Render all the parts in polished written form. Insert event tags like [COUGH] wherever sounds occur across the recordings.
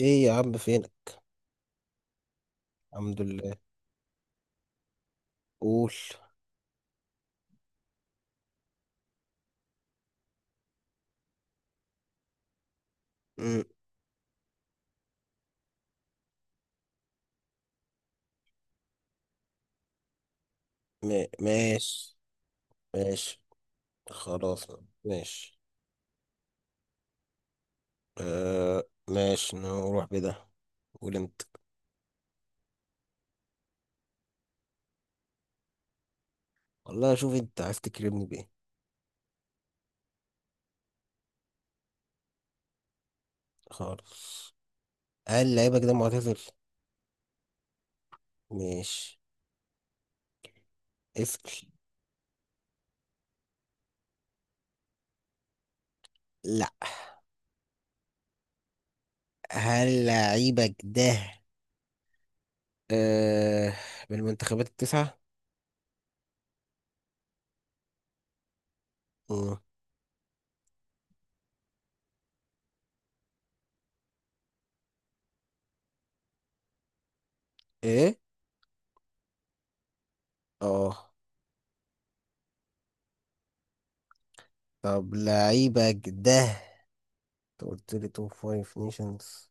ايه يا عم فينك؟ الحمد لله. قول. مم، ماشي. ماشي خلاص. ماشي. آه ماشي نروح بده. قول انت. والله شوف انت عايز تكرمني بايه. خالص. هل لعيبك ده معتزل؟ ماشي اسأل. لا. هل لعيبك ده آه من المنتخبات التسعة؟ مم. ايه. اه طب لعيبك ده انت قلت لي توب فايف نيشنز.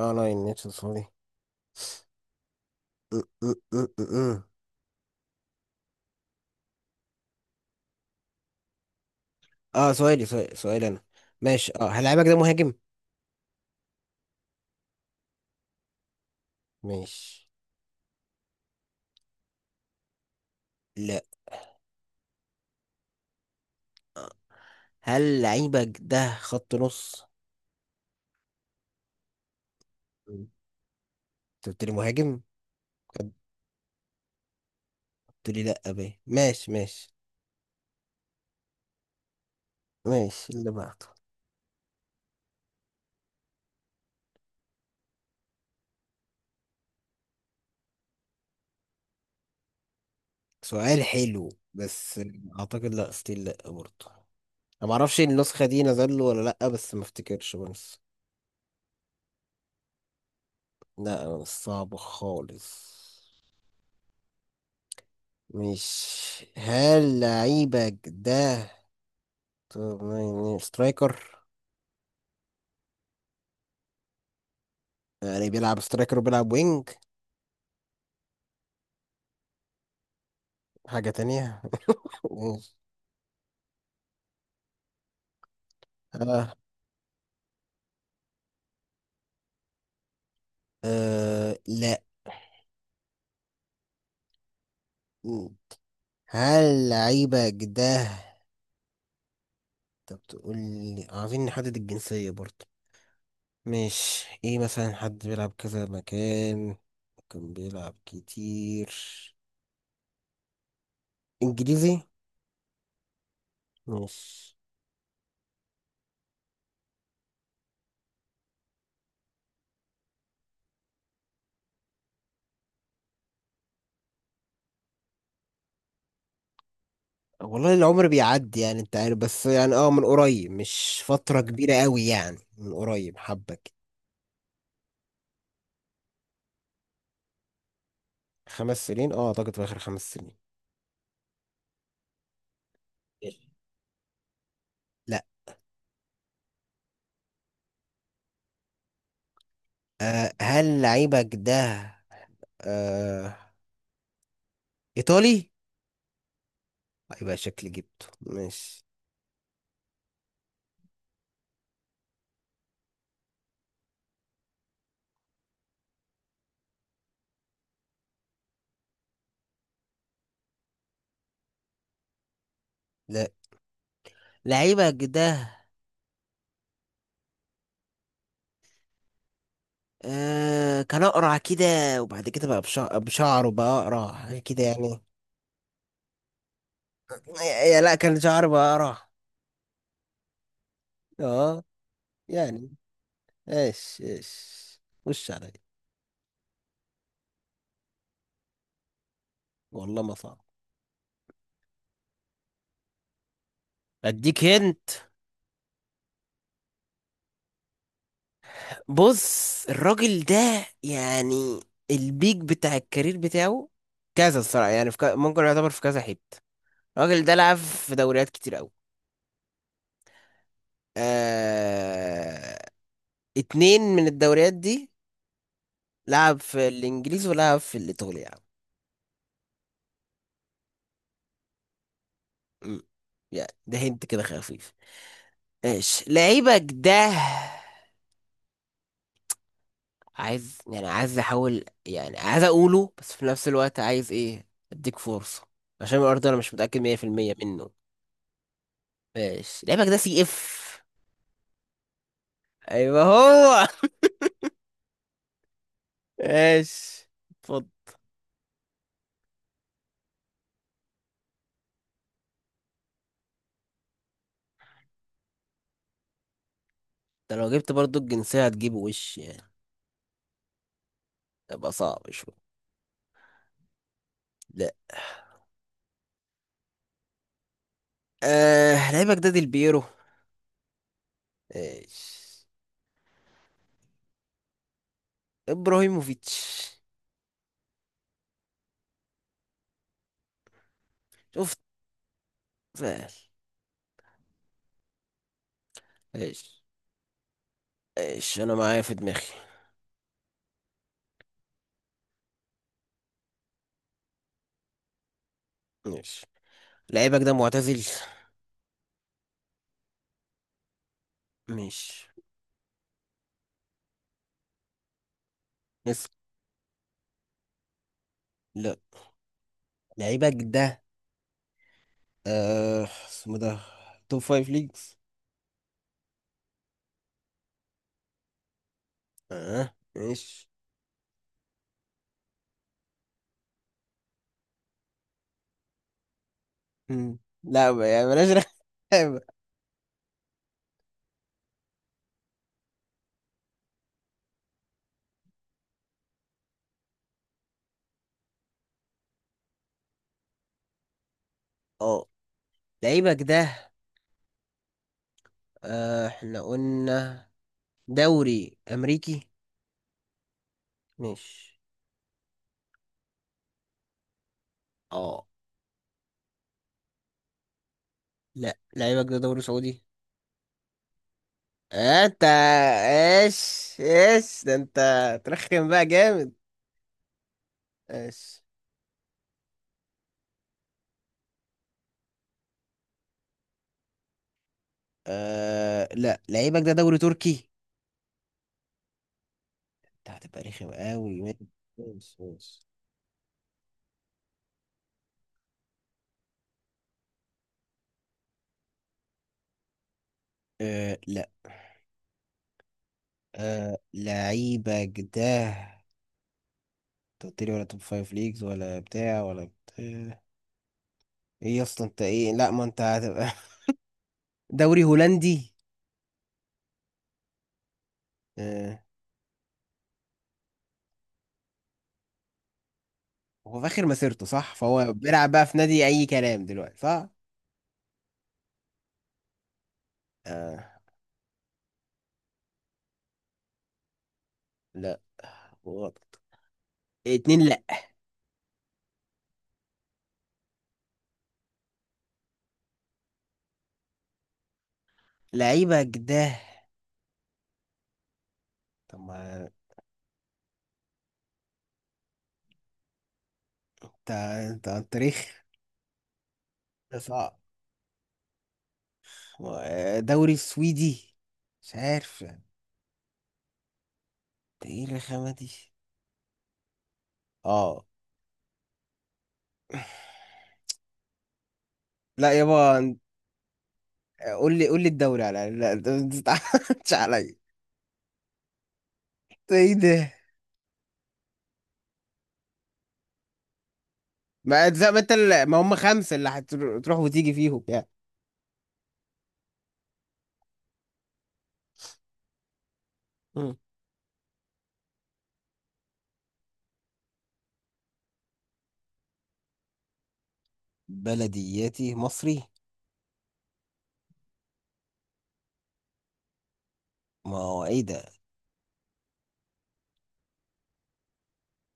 اه ناين نيشنز سوري. م- م- م- م- م. اه سؤالي انا. ماشي اه هل لعيبك ده مهاجم؟ ماشي. لا هل لعيبك ده خط نص؟ مم. انت قلت لي مهاجم؟ قلت لي لا بيه. ماشي ماشي. ماشي اللي بعده. سؤال حلو بس. اعتقد لا ستيل لا برضه. انا ما اعرفش النسخه دي نزل له ولا لا بس ما افتكرش بس. لا مش صعب خالص. مش هل لعيبك ده طب ما يعني سترايكر. يعني بيلعب سترايكر وبيلعب وينج. حاجة تانية. [LAUGHS] آه. آه. لا. هل لعيبك ده انت بتقول لي عايزين نحدد الجنسية برضه، مش ايه مثلا حد بيلعب كذا مكان. كان بيلعب كتير انجليزي. مش. والله العمر بيعدي، يعني انت عارف، بس يعني اه من قريب، مش فترة كبيرة قوي يعني، من قريب حبك. خمس سنين، اه اعتقد في اخر خمس سنين. لا. آه هل لعيبك ده آه إيطالي؟ يبقى شكلي جبته ماشي. لا. لعيبك ده آه كان أقرع كده، وبعد كده بقى بشعره بقى أقرع حاجة كده يعني. يا لا كان شعره بقى أقرع. اه. يعني ايش ايش وش عليا. والله ما صعب. اديك هنت. بص الراجل ده يعني البيك بتاع الكارير بتاعه كذا الصراحة، يعني في ممكن يعتبر في كذا حتة. الراجل ده لعب في دوريات كتير قوي. آه... اتنين من الدوريات دي لعب في الانجليزي ولعب في الايطالي يعني. مم. يعني ده هنت كده خفيف. ماشي لعيبك ده عايز يعني، عايز احاول يعني، عايز اقوله بس في نفس الوقت عايز ايه اديك فرصة عشان الارض انا مش متأكد 100% منه. ماشي لعيبك ده سي اف. ايوه هو. [LAUGHS] ماشي اتفضل. ده لو جبت برضو الجنسية هتجيبه وش يعني. تبقى صعب شوية. آه لعيبة جداد البيرو. ايش. ابراهيموفيتش. شفت. سهل. ايش. ايش انا معايا في دماغي. ماشي لعيبك ده معتزل. ماشي. اسم. لا. لعيبك ده آه اسمه ده توب فايف ليجز. اه ماشي. مم. لا يعني بلاش. رخامة. اه لعيبك ده آه احنا قلنا دوري امريكي. ماشي. اه لا لعيبك ده دوري سعودي. آه، انت ايش ايش ده انت؟ ترخم بقى جامد. ايش. آه لا لعيبك ده دوري تركي. انت هتبقى رخم قوي. ماشي ماشي ماشي. آه لا. آه لعيبك ده انت قلت لي ولا توب فايف ليجز ولا بتاع ولا بتاع، ايه اصلا انت ايه، لا ما انت هتبقى [LAUGHS] دوري هولندي. آه. هو في اخر مسيرته صح، فهو بيلعب بقى في نادي اي كلام دلوقتي صح. آه لا غلط. اتنين لا. لعيبك ده طب ما انت انت على التاريخ ده صعب. دوري سويدي. مش عارف انت. ايه الرخامة دي. اه. لا يابا قول لي قول لي الدوري على الأقل. لا انت ما تزعلش عليا. ده ايه ده. ما زي ما انت ما هم خمسة اللي هتروح وتيجي فيهم يعني. مم. بلدياتي مصري. ما هو ايه ده.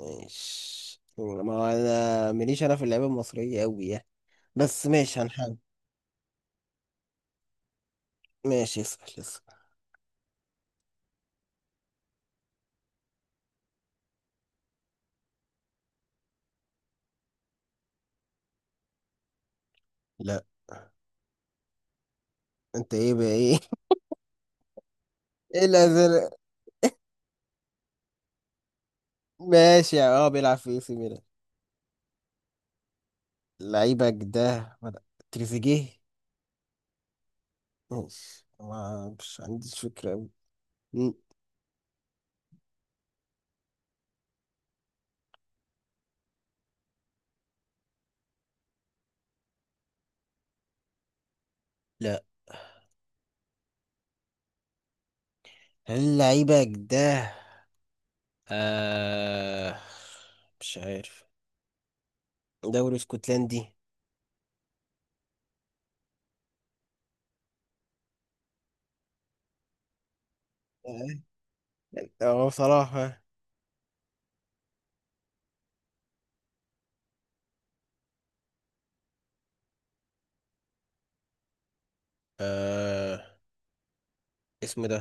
مش ما هو انا ماليش انا في اللعيبة المصرية قوي يعني، بس ماشي هنحاول. ماشي اسأل اسأل. لا. انت ايه بقى ايه؟ ايه الازرق. ماشي اه بيلعب في اي سي ميلان. لعيبك ده تريزيجيه. ماشي ما مش عنديش فكرة أوي. مم. لا. هل لعيبك ده آه مش عارف دوري اسكتلندي. اه. آه، بصراحة. آه اسمه ده.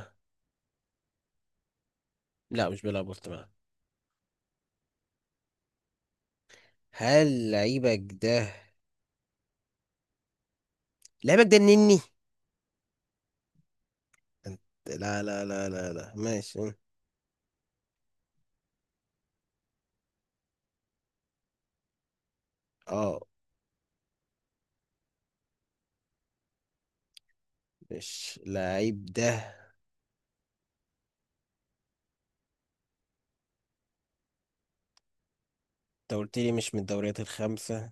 لا مش بيلعب وسط ملعب. هل لعيبك ده لعيبك ده النني. أنت- لا لا لا لا لا ماشي. اه. مش لعيب ده. انت قلت لي مش من الدوريات الخمسة.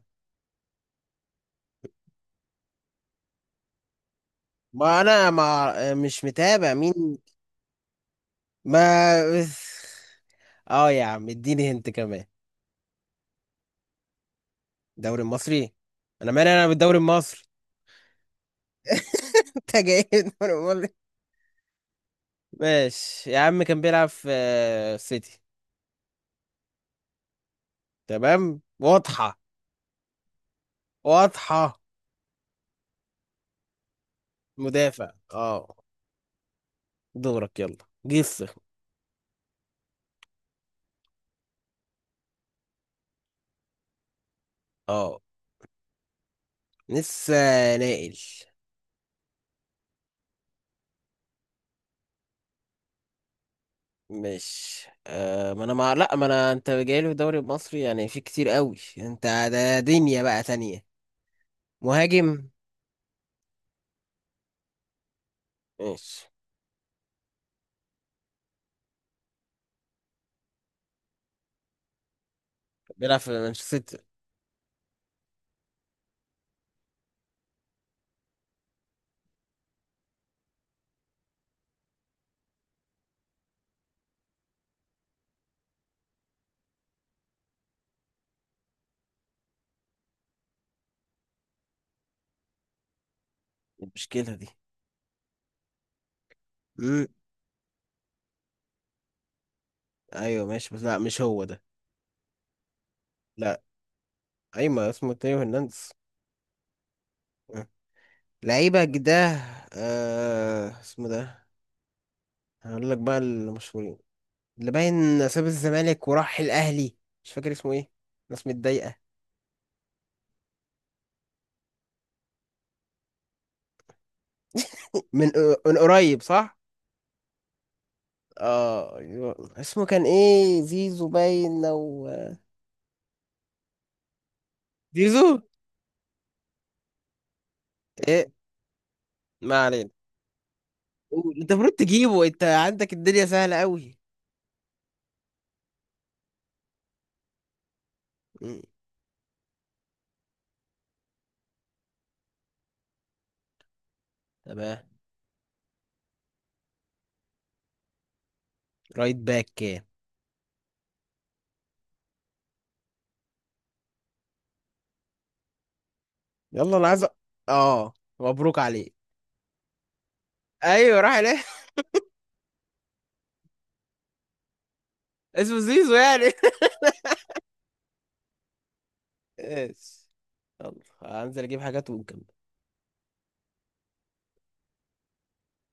ما انا ما مش متابع مين. ما اه يا عم اديني هنت كمان. الدوري المصري. انا مالي انا بالدوري المصري. [LAUGHS] انت جاي من الدوري المصري. ماشي يا عم كان بيلعب في آه، سيتي. تمام واضحة. واضحة. مدافع اه. دورك يلا. جس. اه لسه. نائل. مش آه ما انا مع لا ما انا انت جايلي في الدوري المصري يعني في كتير قوي انت. ده دنيا بقى تانية. مهاجم. ماشي. بيلعب في مانشستر. إيه المشكلة دي. امم. ايوه ماشي بس لا مش هو ده. لا ايوه اسمه تيو هرنانديز. آه. لعيبة ده. آه اسمه ده. هقول لك بقى المشهورين اللي باين ساب الزمالك وراح الاهلي، مش فاكر اسمه ايه. ناس متضايقة. من من قريب صح. اه اسمه كان ايه زيزو باين او زيزو. ايه. ما علينا. قول. انت المفروض تجيبه انت عندك الدنيا سهلة قوي. مم. تمام. رايت باك كام. يلا انا عايز اه مبروك عليك. ايوه راح ليه. [LAUGHS] اسمه زيزو يعني. [LAUGHS] ايش. يلا هنزل اجيب حاجات ونكمل.